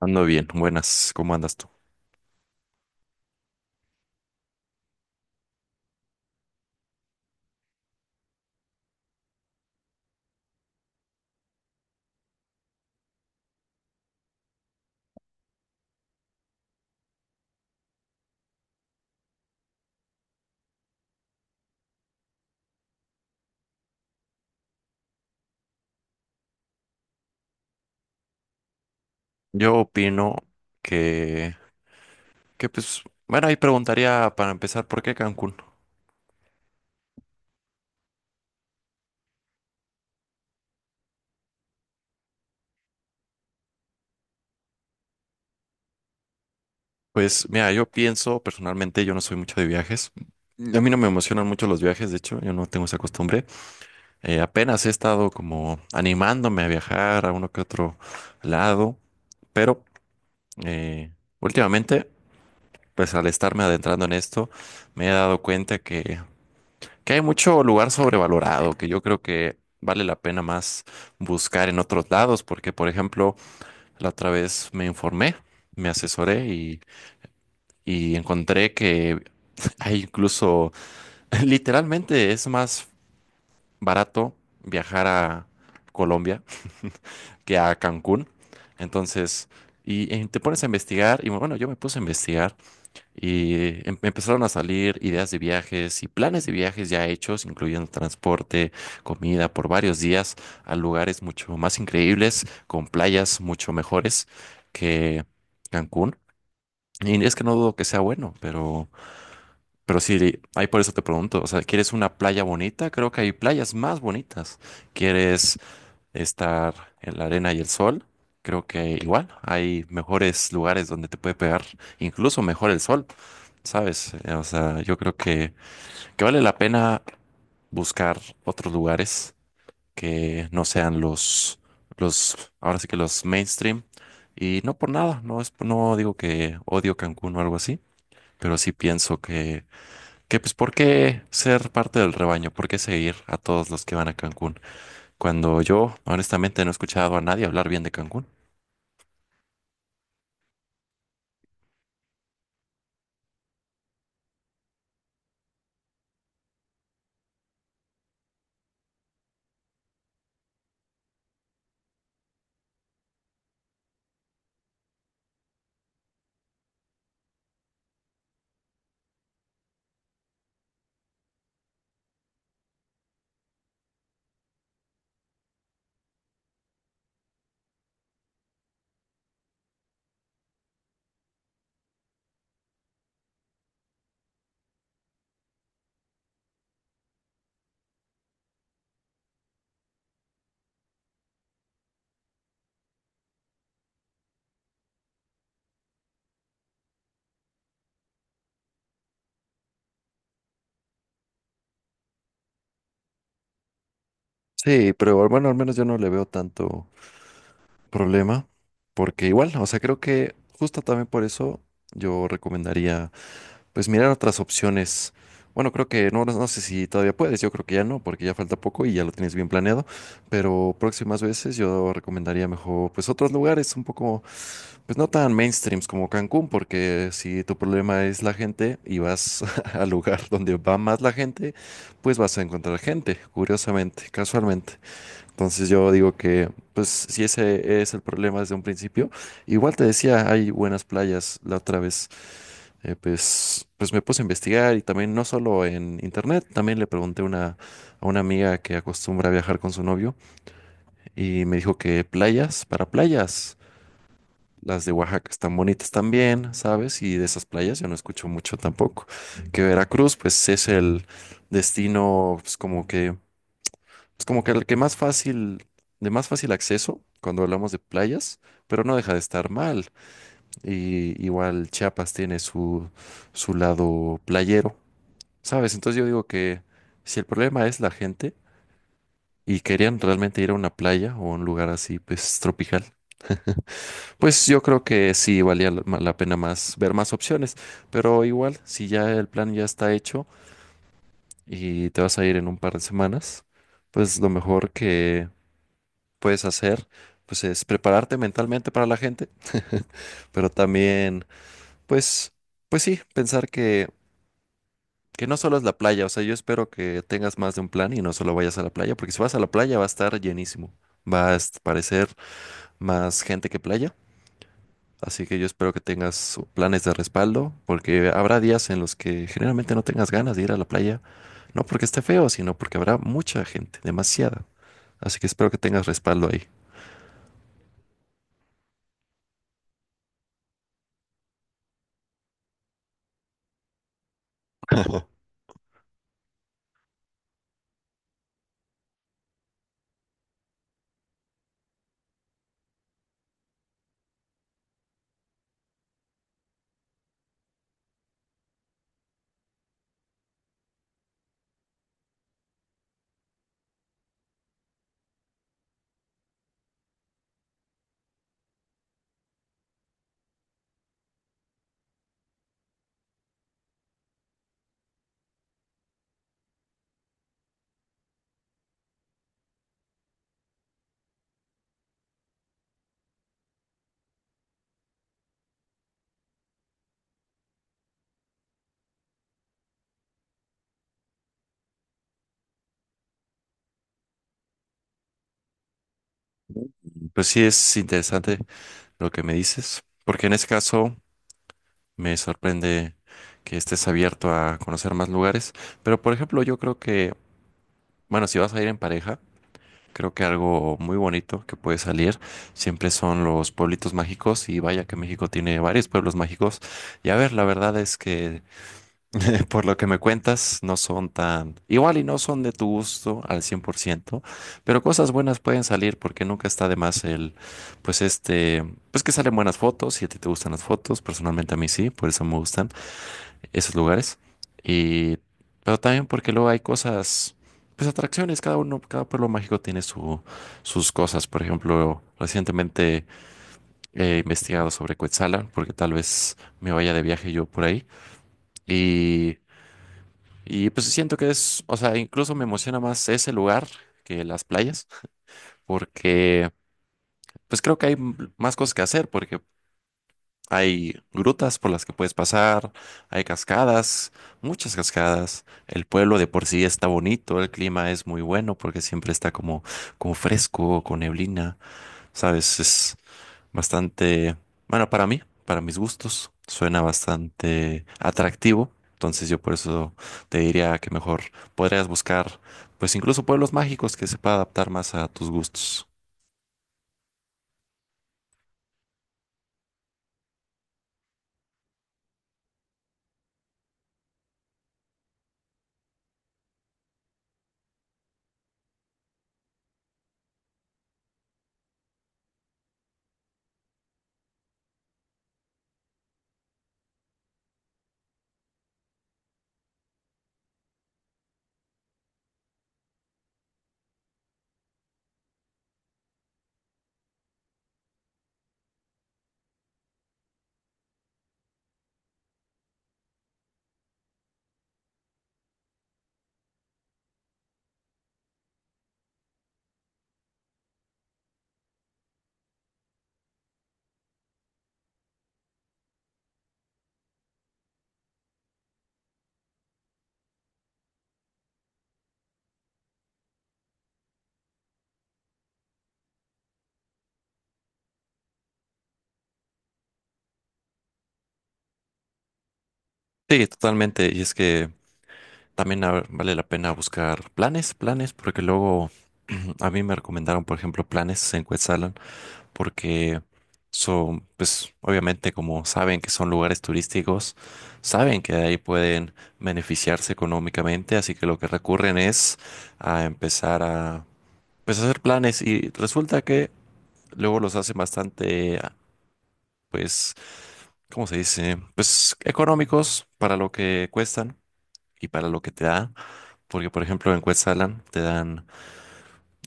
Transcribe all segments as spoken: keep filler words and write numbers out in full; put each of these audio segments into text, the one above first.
Ando bien, buenas, ¿cómo andas tú? Yo opino que, que pues, bueno, ahí preguntaría para empezar, ¿por qué Cancún? Pues mira, yo pienso personalmente, yo no soy mucho de viajes. A mí no me emocionan mucho los viajes, de hecho, yo no tengo esa costumbre. Eh, apenas he estado como animándome a viajar a uno que otro lado, pero eh, últimamente, pues al estarme adentrando en esto, me he dado cuenta que que hay mucho lugar sobrevalorado, que yo creo que vale la pena más buscar en otros lados, porque por ejemplo, la otra vez me informé, me asesoré y, y encontré que hay incluso, literalmente es más barato viajar a Colombia que a Cancún. Entonces, y, eh, te pones a investigar, y bueno, yo me puse a investigar. Y em- empezaron a salir ideas de viajes y planes de viajes ya hechos, incluyendo transporte, comida por varios días a lugares mucho más increíbles, con playas mucho mejores que Cancún. Y es que no dudo que sea bueno, pero, pero sí, ahí por eso te pregunto, o sea, ¿quieres una playa bonita? Creo que hay playas más bonitas. ¿Quieres estar en la arena y el sol? Creo que igual hay mejores lugares donde te puede pegar, incluso mejor el sol, ¿sabes? Eh, O sea, yo creo que, que vale la pena buscar otros lugares que no sean los, los, ahora sí que los mainstream. Y no por nada, no es, no digo que odio Cancún o algo así, pero sí pienso que, que pues, ¿por qué ser parte del rebaño? ¿Por qué seguir a todos los que van a Cancún? Cuando yo, honestamente, no he escuchado a nadie hablar bien de Cancún. Sí, pero bueno, al menos yo no le veo tanto problema, porque igual, o sea, creo que justo también por eso yo recomendaría, pues mirar otras opciones. Bueno, creo que no, no sé si todavía puedes, yo creo que ya no, porque ya falta poco y ya lo tienes bien planeado, pero próximas veces yo recomendaría mejor, pues otros lugares un poco. Pues no tan mainstreams como Cancún, porque si tu problema es la gente y vas al lugar donde va más la gente, pues vas a encontrar gente, curiosamente, casualmente. Entonces yo digo que, pues si ese es el problema desde un principio, igual te decía, hay buenas playas la otra vez. Eh, pues, pues me puse a investigar y también no solo en internet, también le pregunté a una, a una amiga que acostumbra a viajar con su novio y me dijo que playas para playas. Las de Oaxaca están bonitas también, ¿sabes? Y de esas playas yo no escucho mucho tampoco. Que Veracruz, pues es el destino, pues como que, es como que el que más fácil, de más fácil acceso cuando hablamos de playas, pero no deja de estar mal. Y igual Chiapas tiene su, su lado playero, ¿sabes? Entonces yo digo que si el problema es la gente y querían realmente ir a una playa o a un lugar así, pues tropical, pues yo creo que sí valía la la pena más ver más opciones, pero igual si ya el plan ya está hecho y te vas a ir en un par de semanas, pues lo mejor que puedes hacer pues es prepararte mentalmente para la gente, pero también pues pues sí, pensar que que no solo es la playa, o sea, yo espero que tengas más de un plan y no solo vayas a la playa, porque si vas a la playa va a estar llenísimo. Va a est- parecer más gente que playa. Así que yo espero que tengas planes de respaldo, porque habrá días en los que generalmente no tengas ganas de ir a la playa, no porque esté feo, sino porque habrá mucha gente, demasiada. Así que espero que tengas respaldo ahí. Pues sí, es interesante lo que me dices, porque en ese caso me sorprende que estés abierto a conocer más lugares, pero por ejemplo yo creo que, bueno, si vas a ir en pareja, creo que algo muy bonito que puede salir siempre son los pueblitos mágicos y vaya que México tiene varios pueblos mágicos. Y a ver, la verdad es que por lo que me cuentas no son tan igual y no son de tu gusto al cien por ciento, pero cosas buenas pueden salir porque nunca está de más el, pues este, pues que salen buenas fotos si a ti te gustan las fotos, personalmente a mí sí, por eso me gustan esos lugares. Y, pero también porque luego hay cosas, pues atracciones, cada uno, cada pueblo mágico tiene su, sus cosas. Por ejemplo, recientemente he investigado sobre Cuetzalan, porque tal vez me vaya de viaje yo por ahí. Y, y pues siento que es, o sea, incluso me emociona más ese lugar que las playas, porque pues creo que hay m- más cosas que hacer, porque hay grutas por las que puedes pasar, hay cascadas, muchas cascadas. El pueblo de por sí está bonito, el clima es muy bueno porque siempre está como, como fresco, con neblina, ¿sabes? Es bastante, bueno, para mí, para mis gustos, suena bastante atractivo. Entonces yo por eso te diría que mejor podrías buscar, pues incluso pueblos mágicos que se pueda adaptar más a tus gustos. Sí, totalmente. Y es que también a- vale la pena buscar planes, planes, porque luego a mí me recomendaron, por ejemplo, planes en Quetzalan, porque son, pues obviamente como saben que son lugares turísticos, saben que de ahí pueden beneficiarse económicamente, así que lo que recurren es a empezar a, pues, hacer planes y resulta que luego los hacen bastante, ah, pues, ¿cómo se dice? Pues económicos para lo que cuestan y para lo que te da, porque por ejemplo en Quetzalan te dan,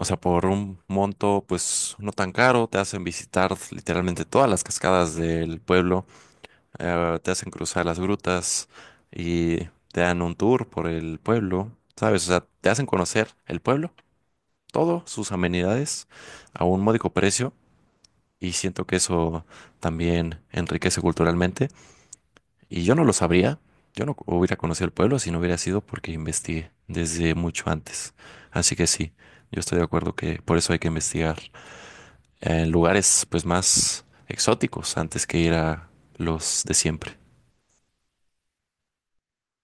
o sea, por un monto pues no tan caro, te hacen visitar literalmente todas las cascadas del pueblo, eh, te hacen cruzar las grutas y te dan un tour por el pueblo, ¿sabes? O sea, te hacen conocer el pueblo, todo, sus amenidades a un módico precio y siento que eso también enriquece culturalmente y yo no lo sabría, yo no hubiera conocido el pueblo si no hubiera sido porque investigué desde mucho antes. Así que sí, yo estoy de acuerdo que por eso hay que investigar. En lugares pues más exóticos antes que ir a los de siempre.